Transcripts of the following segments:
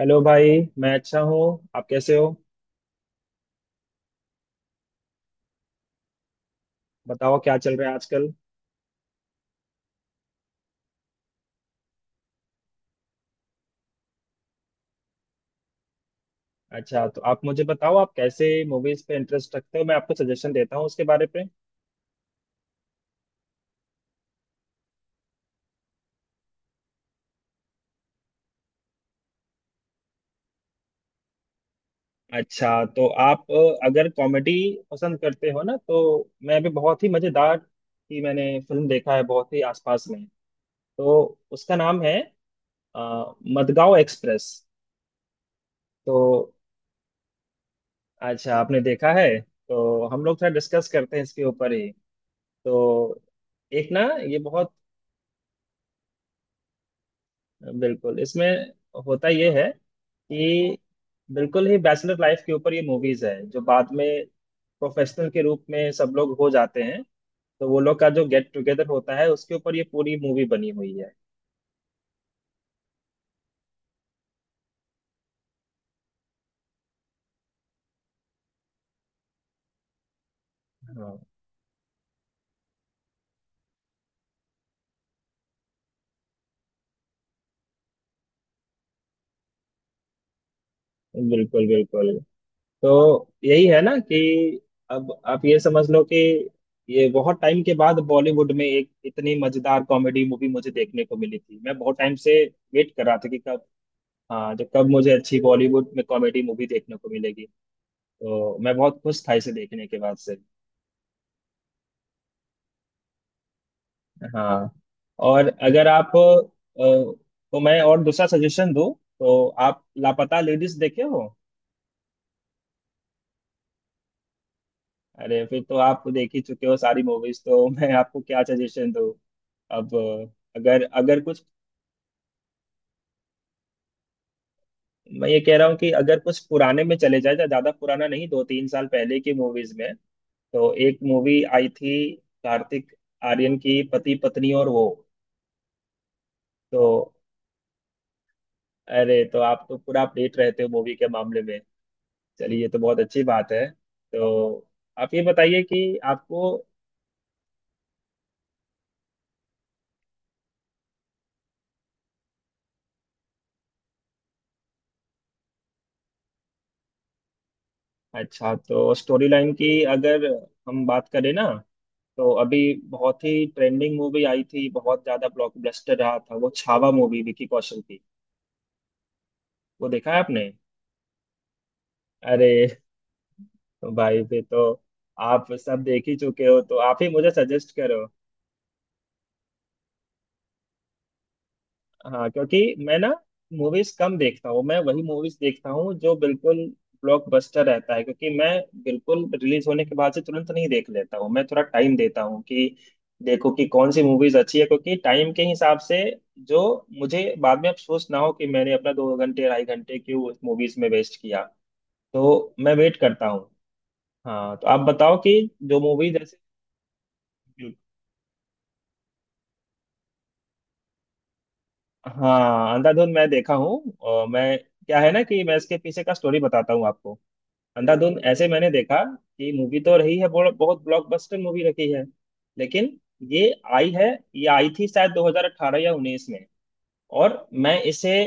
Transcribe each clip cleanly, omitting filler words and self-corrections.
Hello भाई, मैं अच्छा हूँ। आप कैसे हो? बताओ क्या चल रहा है आजकल। अच्छा, तो आप मुझे बताओ आप कैसे मूवीज पे इंटरेस्ट रखते हो, मैं आपको सजेशन देता हूँ उसके बारे पे। अच्छा तो आप, अगर कॉमेडी पसंद करते हो ना, तो मैं भी बहुत ही मजेदार की मैंने फिल्म देखा है बहुत ही आसपास में। तो उसका नाम है अ, मडगांव एक्सप्रेस। तो अच्छा, आपने देखा है। तो हम लोग थोड़ा डिस्कस करते हैं इसके ऊपर ही। तो एक ना, ये बहुत बिल्कुल इसमें होता ये है कि बिल्कुल ही बैचलर लाइफ के ऊपर ये मूवीज है, जो बाद में प्रोफेशनल के रूप में सब लोग हो जाते हैं, तो वो लोग का जो गेट टुगेदर होता है उसके ऊपर ये पूरी मूवी बनी हुई है। हाँ, बिल्कुल बिल्कुल। तो यही है ना कि अब आप ये समझ लो कि ये बहुत टाइम के बाद बॉलीवुड में एक इतनी मजेदार कॉमेडी मूवी मुझे देखने को मिली थी, मैं बहुत टाइम से वेट कर रहा था कि कब। हाँ, जो कब मुझे अच्छी बॉलीवुड में कॉमेडी मूवी देखने को मिलेगी, तो मैं बहुत खुश था इसे देखने के बाद से। हाँ। और अगर आप, तो मैं और दूसरा सजेशन दूं, तो आप लापता लेडीज देखे हो? अरे, फिर तो आप देख ही चुके हो सारी मूवीज तो मैं आपको क्या सजेशन दूं। अब अगर अगर कुछ, मैं ये कह रहा हूँ कि अगर कुछ पुराने में चले जाए, ज्यादा पुराना नहीं, दो तीन साल पहले की मूवीज में, तो एक मूवी आई थी कार्तिक आर्यन की पति पत्नी और वो। तो अरे, तो आप तो पूरा अपडेट रहते हो मूवी के मामले में। चलिए, ये तो बहुत अच्छी बात है। तो आप ये बताइए कि आपको। अच्छा तो स्टोरी लाइन की, अगर हम बात करें ना, तो अभी बहुत ही ट्रेंडिंग मूवी आई थी, बहुत ज्यादा ब्लॉकबस्टर रहा था, वो छावा मूवी विकी कौशल की। वो देखा है आपने? अरे भाई, फिर तो आप सब देख ही चुके हो, तो आप ही मुझे सजेस्ट करो। हाँ, क्योंकि मैं ना मूवीज कम देखता हूँ। मैं वही मूवीज देखता हूँ जो बिल्कुल ब्लॉकबस्टर रहता है, क्योंकि मैं बिल्कुल रिलीज होने के बाद से तुरंत नहीं देख लेता हूँ, मैं थोड़ा टाइम देता हूँ कि देखो कि कौन सी मूवीज अच्छी है, क्योंकि टाइम के हिसाब से जो मुझे बाद में अफसोस ना हो कि मैंने अपना 2 घंटे 2.5 घंटे क्यों उस मूवीज में वेस्ट किया। तो मैं वेट करता हूँ। हाँ, तो आप बताओ कि जो मूवी जैसे। हाँ, अंधाधुन मैं देखा हूँ। और मैं, क्या है ना कि मैं इसके पीछे का स्टोरी बताता हूँ आपको। अंधाधुन ऐसे मैंने देखा कि मूवी तो रही है, बहुत बहुत ब्लॉकबस्टर मूवी रही है। लेकिन ये आई है, ये आई थी शायद 2018 या 19 में। और मैं इसे,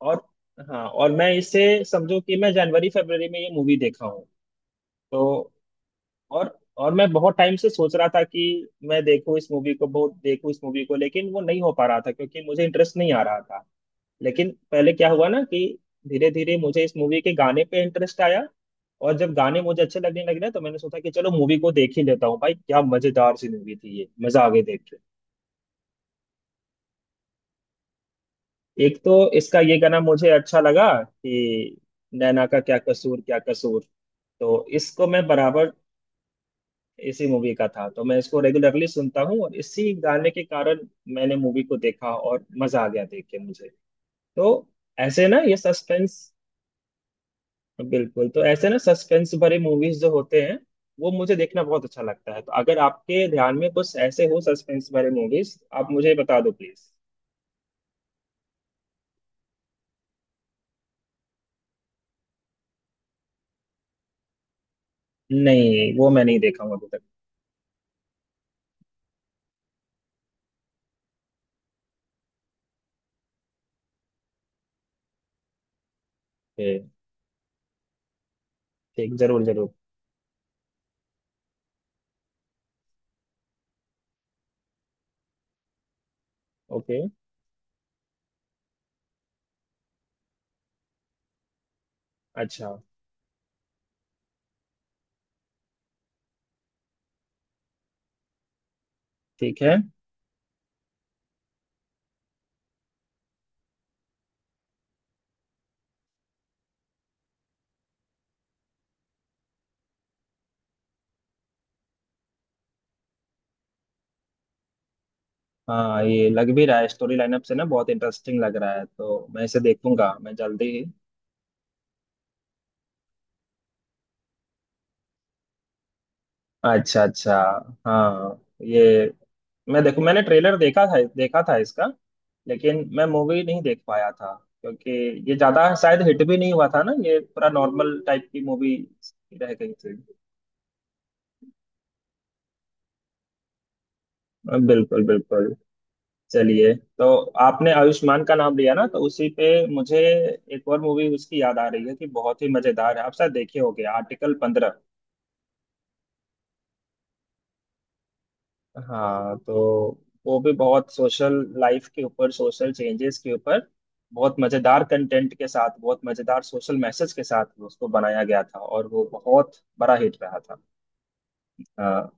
और हाँ, और मैं इसे समझो कि मैं जनवरी फरवरी में ये मूवी देखा हूँ। तो और मैं बहुत टाइम से सोच रहा था कि मैं देखूँ इस मूवी को, बहुत देखूँ इस मूवी को, लेकिन वो नहीं हो पा रहा था क्योंकि मुझे इंटरेस्ट नहीं आ रहा था। लेकिन पहले क्या हुआ ना कि धीरे धीरे मुझे इस मूवी के गाने पे इंटरेस्ट आया। और जब गाने मुझे अच्छे लगने लगे ना, तो मैंने सोचा कि चलो मूवी को देख ही लेता हूँ। भाई क्या मजेदार सी मूवी थी ये, मजा आ गई देख के। एक तो इसका ये गाना मुझे अच्छा लगा कि, नैना का क्या कसूर क्या कसूर। तो इसको मैं बराबर, इसी मूवी का था, तो मैं इसको रेगुलरली सुनता हूँ, और इसी गाने के कारण मैंने मूवी को देखा, और मजा आ गया देख के मुझे। तो ऐसे ना ये सस्पेंस, बिल्कुल। तो ऐसे ना सस्पेंस भरे मूवीज जो होते हैं, वो मुझे देखना बहुत अच्छा लगता है। तो अगर आपके ध्यान में कुछ ऐसे हो सस्पेंस भरे मूवीज, आप मुझे बता दो प्लीज। नहीं, वो मैं नहीं देखा हूँ अभी तक। ठीक ठीक, जरूर जरूर। ओके, अच्छा, ठीक है। हाँ, ये लग भी रहा है स्टोरी लाइनअप से ना, बहुत इंटरेस्टिंग लग रहा है, तो मैं इसे देखूंगा मैं जल्दी ही। अच्छा अच्छा। हाँ, ये मैं देखू, मैंने ट्रेलर देखा था, देखा था इसका, लेकिन मैं मूवी नहीं देख पाया था, क्योंकि ये ज्यादा शायद हिट भी नहीं हुआ था ना, ये पूरा नॉर्मल टाइप की मूवी रह गई थी। बिल्कुल बिल्कुल। चलिए तो, आपने आयुष्मान का नाम लिया ना, तो उसी पे मुझे एक और मूवी उसकी याद आ रही है कि बहुत ही मजेदार है, आप शायद देखे होंगे, आर्टिकल 15। हाँ, तो वो भी बहुत सोशल लाइफ के ऊपर, सोशल चेंजेस के ऊपर, बहुत मजेदार कंटेंट के साथ, बहुत मजेदार सोशल मैसेज के साथ उसको बनाया गया था, और वो बहुत बड़ा हिट रहा था। हाँ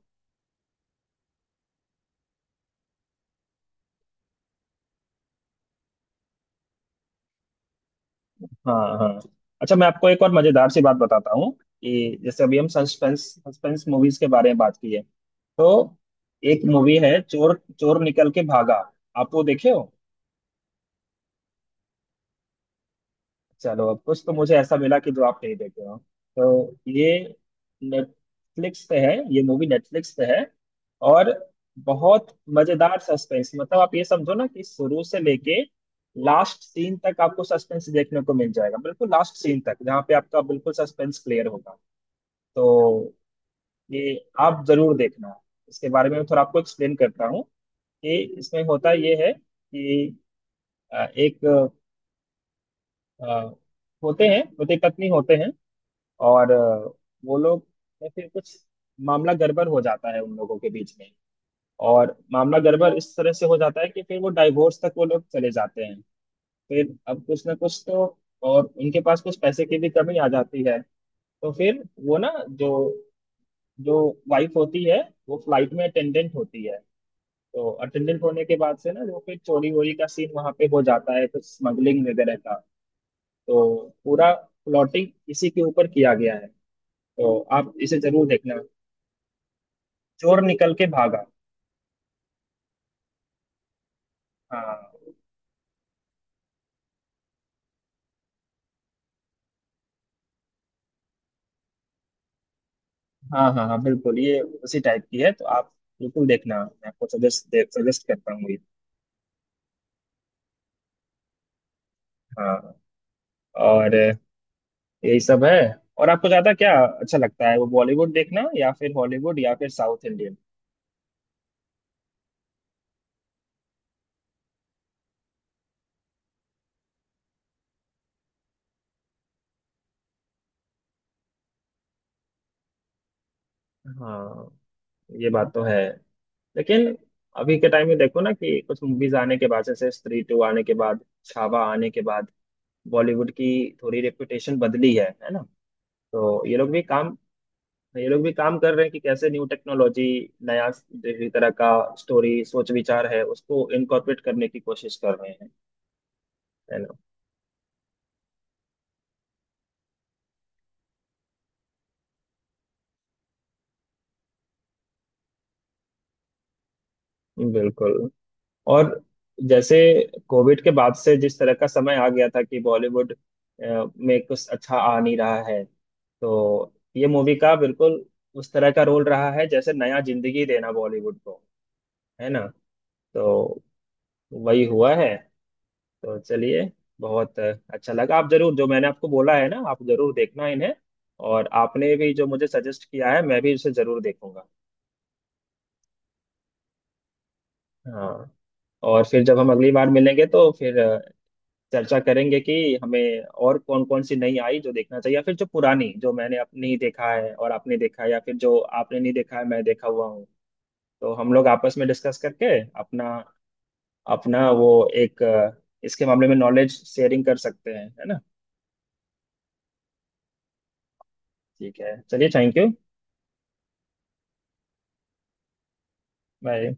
हाँ हाँ। अच्छा, मैं आपको एक और मजेदार सी बात बताता हूँ कि जैसे अभी हम सस्पेंस सस्पेंस मूवीज के बारे में बात की है, तो एक मूवी है चोर चोर निकल के भागा, आप वो देखे हो? चलो, अब कुछ तो मुझे ऐसा मिला कि जो आप नहीं देखे हो। तो ये नेटफ्लिक्स पे है, ये मूवी नेटफ्लिक्स पे है। और बहुत मजेदार सस्पेंस, मतलब आप ये समझो ना कि शुरू से लेके लास्ट सीन तक आपको सस्पेंस देखने को मिल जाएगा, बिल्कुल लास्ट सीन तक, जहाँ पे आपका बिल्कुल सस्पेंस क्लियर होगा। तो ये आप जरूर देखना। इसके बारे में मैं थोड़ा आपको एक्सप्लेन करता हूँ कि इसमें होता ये है कि एक अ, होते हैं पति पत्नी होते हैं। और वो लोग, या फिर कुछ मामला गड़बड़ हो जाता है उन लोगों के बीच में। और मामला गड़बड़ इस तरह से हो जाता है कि फिर वो डाइवोर्स तक वो लोग चले जाते हैं। फिर अब कुछ ना कुछ तो, और उनके पास कुछ पैसे की भी कमी आ जाती है। तो फिर वो ना, जो जो वाइफ होती है, वो फ्लाइट में अटेंडेंट होती है। तो अटेंडेंट होने के बाद से ना, वो फिर चोरी वोरी का सीन वहां पे हो जाता है, कुछ स्मगलिंग वगैरह का। तो पूरा प्लॉटिंग इसी के ऊपर किया गया है। तो आप इसे जरूर देखना, चोर निकल के भागा। हाँ हाँ हाँ हाँ बिल्कुल, ये उसी टाइप की है, तो आप बिल्कुल देखना, मैं आपको सजेस्ट सजेस्ट करता हूँ ये। हाँ, और यही सब है। और आपको ज्यादा क्या अच्छा लगता है, वो बॉलीवुड देखना या फिर हॉलीवुड या फिर साउथ इंडियन? हाँ, ये बात तो है। लेकिन अभी के टाइम में देखो ना कि कुछ मूवीज आने के बाद, जैसे स्त्री टू आने के बाद, छावा आने के बाद, बॉलीवुड की थोड़ी रेपुटेशन बदली है ना। तो ये लोग भी काम कर रहे हैं कि कैसे न्यू टेक्नोलॉजी, नया जिस तरह का स्टोरी सोच विचार है उसको इनकॉर्पोरेट करने की कोशिश कर रहे हैं, है ना। बिल्कुल। और जैसे कोविड के बाद से जिस तरह का समय आ गया था कि बॉलीवुड में कुछ अच्छा आ नहीं रहा है, तो ये मूवी का बिल्कुल उस तरह का रोल रहा है, जैसे नया जिंदगी देना बॉलीवुड को, है ना। तो वही हुआ है। तो चलिए, बहुत अच्छा लगा। आप जरूर, जो मैंने आपको बोला है ना, आप जरूर देखना इन्हें। और आपने भी जो मुझे सजेस्ट किया है, मैं भी उसे जरूर देखूंगा। हाँ, और फिर जब हम अगली बार मिलेंगे तो फिर चर्चा करेंगे कि हमें और कौन कौन सी नई आई जो देखना चाहिए, या फिर जो पुरानी जो मैंने नहीं देखा है और आपने देखा है, या फिर जो आपने नहीं देखा है मैं देखा हुआ हूँ। तो हम लोग आपस में डिस्कस करके अपना अपना वो, एक इसके मामले में नॉलेज शेयरिंग कर सकते हैं, है ना। ठीक है, चलिए, थैंक यू। बाय।